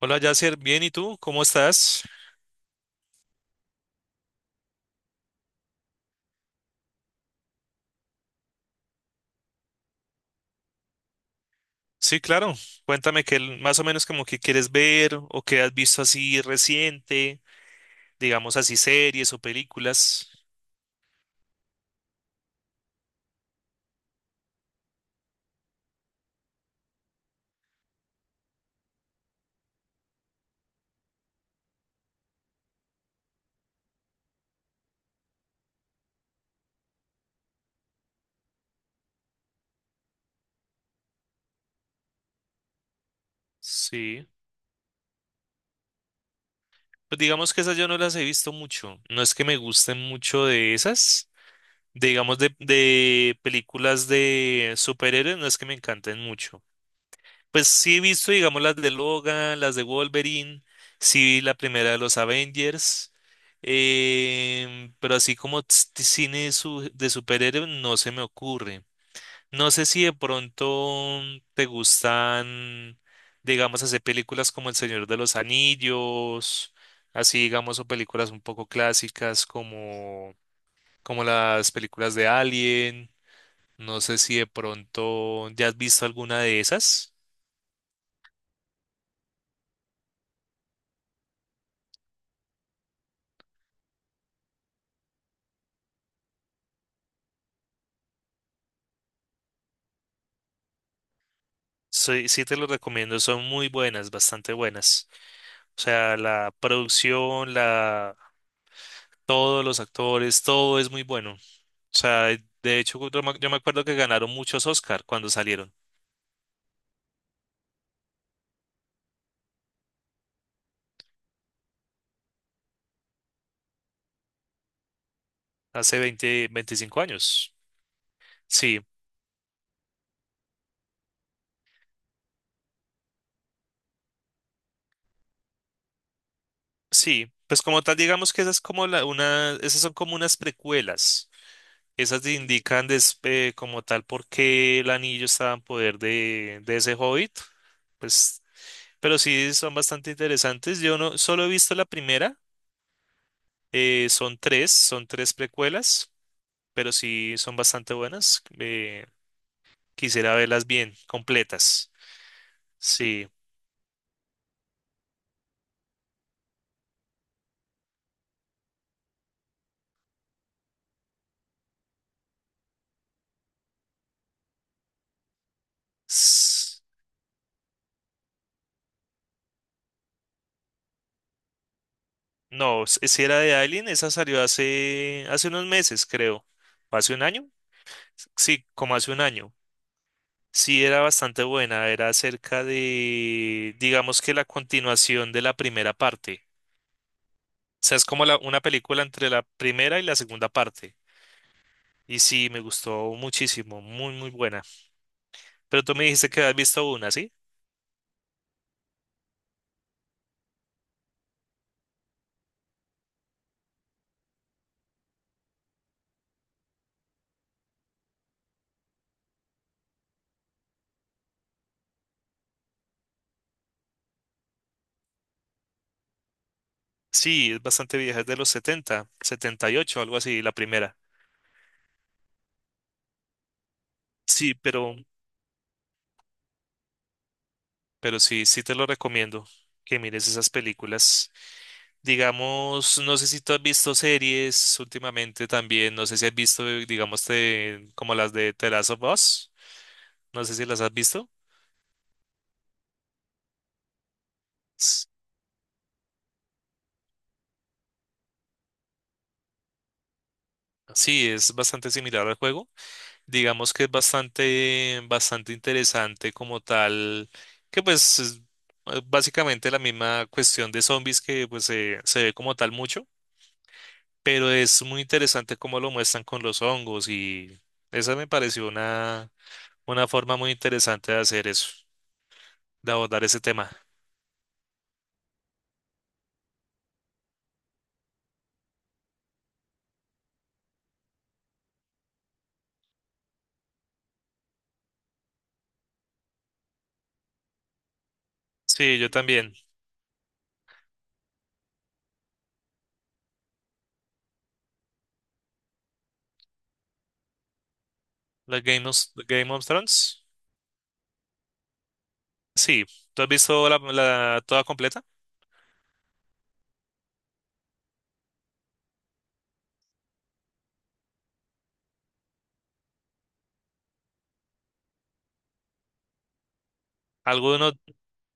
Hola Yasser, bien, ¿y tú? ¿Cómo estás? Sí, claro. Cuéntame que más o menos como que quieres ver o que has visto así reciente, digamos así series o películas. Sí. Pues digamos que esas yo no las he visto mucho. No es que me gusten mucho de esas. Digamos de películas de superhéroes, no es que me encanten mucho. Pues sí he visto, digamos, las de Logan, las de Wolverine, sí vi la primera de los Avengers, pero así como de superhéroes no se me ocurre. No sé si de pronto te gustan, digamos, hacer películas como El Señor de los Anillos, así digamos, o películas un poco clásicas como las películas de Alien. No sé si de pronto ya has visto alguna de esas. Sí, sí te lo recomiendo, son muy buenas, bastante buenas. O sea, la producción, todos los actores, todo es muy bueno. O sea, de hecho, yo me acuerdo que ganaron muchos Oscar cuando salieron, hace 20, 25 años. Sí, sí. Pues como tal, digamos que esas como esas son como unas precuelas. Esas te indican como tal por qué el anillo estaba en poder de ese hobbit. Pues, pero sí son bastante interesantes. Yo no solo he visto la primera. Son tres precuelas, pero sí son bastante buenas. Quisiera verlas bien, completas. Sí. S- No, si era de Alien, esa salió hace unos meses, creo. ¿O hace un año? Sí, como hace un año. Sí, era bastante buena. Era acerca de, digamos que la continuación de la primera parte. O sea, es como una película entre la primera y la segunda parte. Y sí, me gustó muchísimo, muy, muy buena. Pero tú me dijiste que has visto una, ¿sí? Sí, es bastante vieja, es de los setenta, setenta y ocho, algo así, la primera. Sí, pero sí, sí te lo recomiendo que mires esas películas. Digamos, no sé si tú has visto series últimamente también, no sé si has visto, digamos, como las de The Last of Us, no sé si las has visto. S- Sí, es bastante similar al juego. Digamos que es bastante, bastante interesante como tal, que pues es básicamente la misma cuestión de zombies que pues se ve como tal mucho, pero es muy interesante cómo lo muestran con los hongos y esa me pareció una forma muy interesante de hacer eso, de abordar ese tema. Sí, yo también. La Game of, Game of Thrones. Sí, ¿tú has visto la toda completa? Alguno,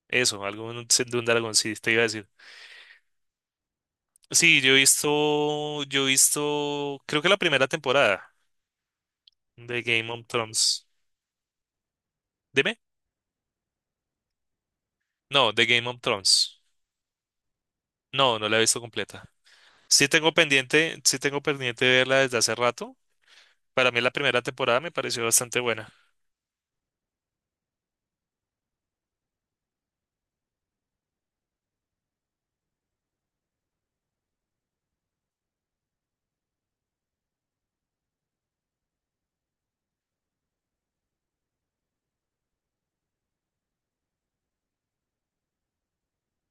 eso, alguno de un dragón, sí, te iba a decir. Sí, yo he visto, creo que la primera temporada de Game of Thrones. ¿Dime? No, de Game of Thrones. No, no la he visto completa. Sí tengo pendiente verla desde hace rato. Para mí la primera temporada me pareció bastante buena.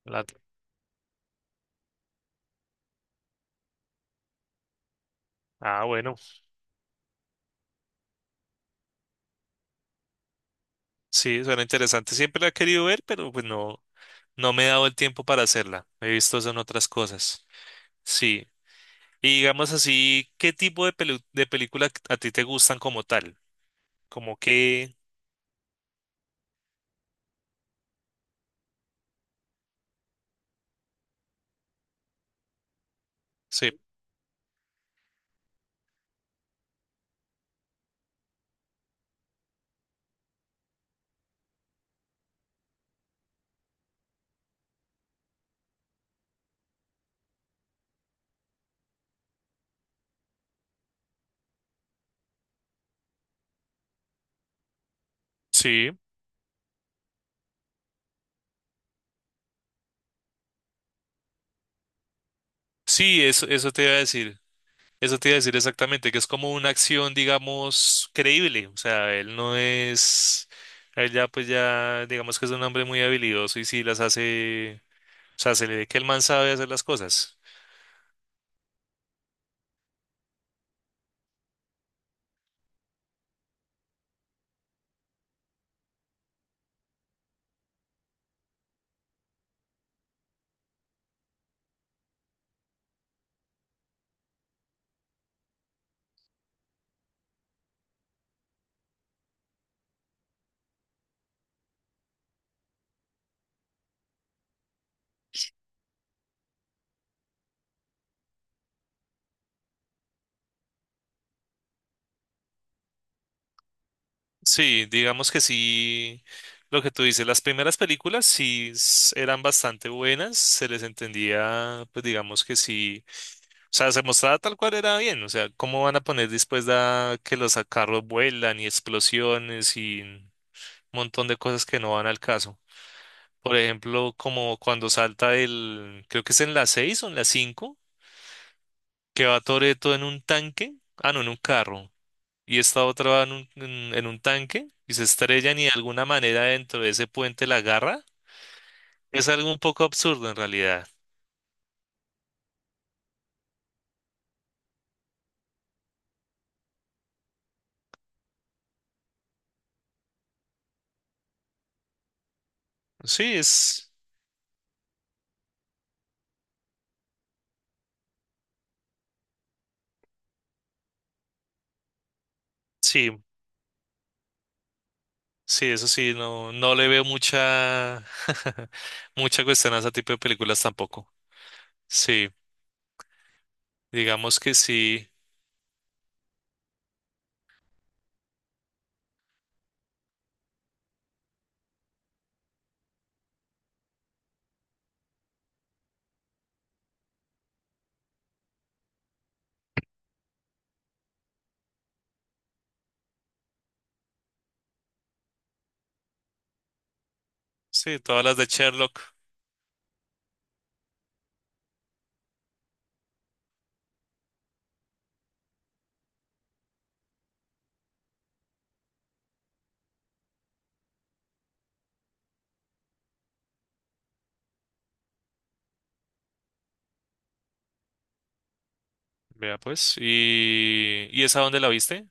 La- Ah, bueno, sí, suena interesante. Siempre la he querido ver, pero pues no, no me he dado el tiempo para hacerla. He visto eso en otras cosas. Sí. Y digamos así, ¿qué tipo de de película a ti te gustan como tal? Como que... Sí. Sí. Sí, eso te iba a decir. Eso te iba a decir exactamente, que es como una acción, digamos, creíble. O sea, él no es, él ya pues ya, digamos que es un hombre muy habilidoso y sí las hace, o sea, se le ve que el man sabe hacer las cosas. Sí, digamos que sí, lo que tú dices, las primeras películas sí eran bastante buenas, se les entendía, pues digamos que sí, o sea, se mostraba tal cual era bien, o sea, ¿cómo van a poner después da que los carros vuelan y explosiones y montón de cosas que no van al caso? Por ejemplo, como cuando salta el, creo que es en la 6 o en la 5 que va Toretto en un tanque, ah, no, en un carro, y esta otra va en un tanque y se estrellan y de alguna manera dentro de ese puente la agarra. Es algo un poco absurdo en realidad. Sí, sí, sí, eso sí, no, no le veo mucha, mucha cuestión a ese tipo de películas tampoco. Sí, digamos que sí, sí, todas las de Sherlock. Vea pues. ¿Y esa dónde la viste?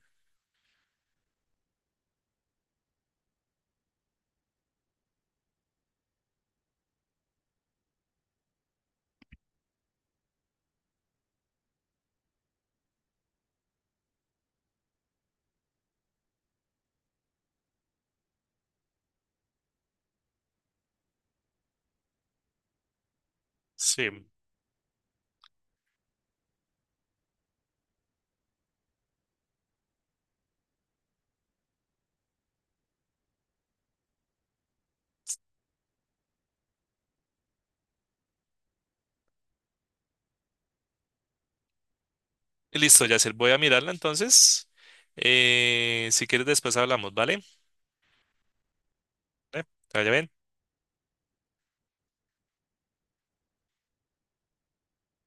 Sí. Listo, Yacel. Voy a mirarla entonces. Si quieres después hablamos, ¿vale? Eh, que vaya bien.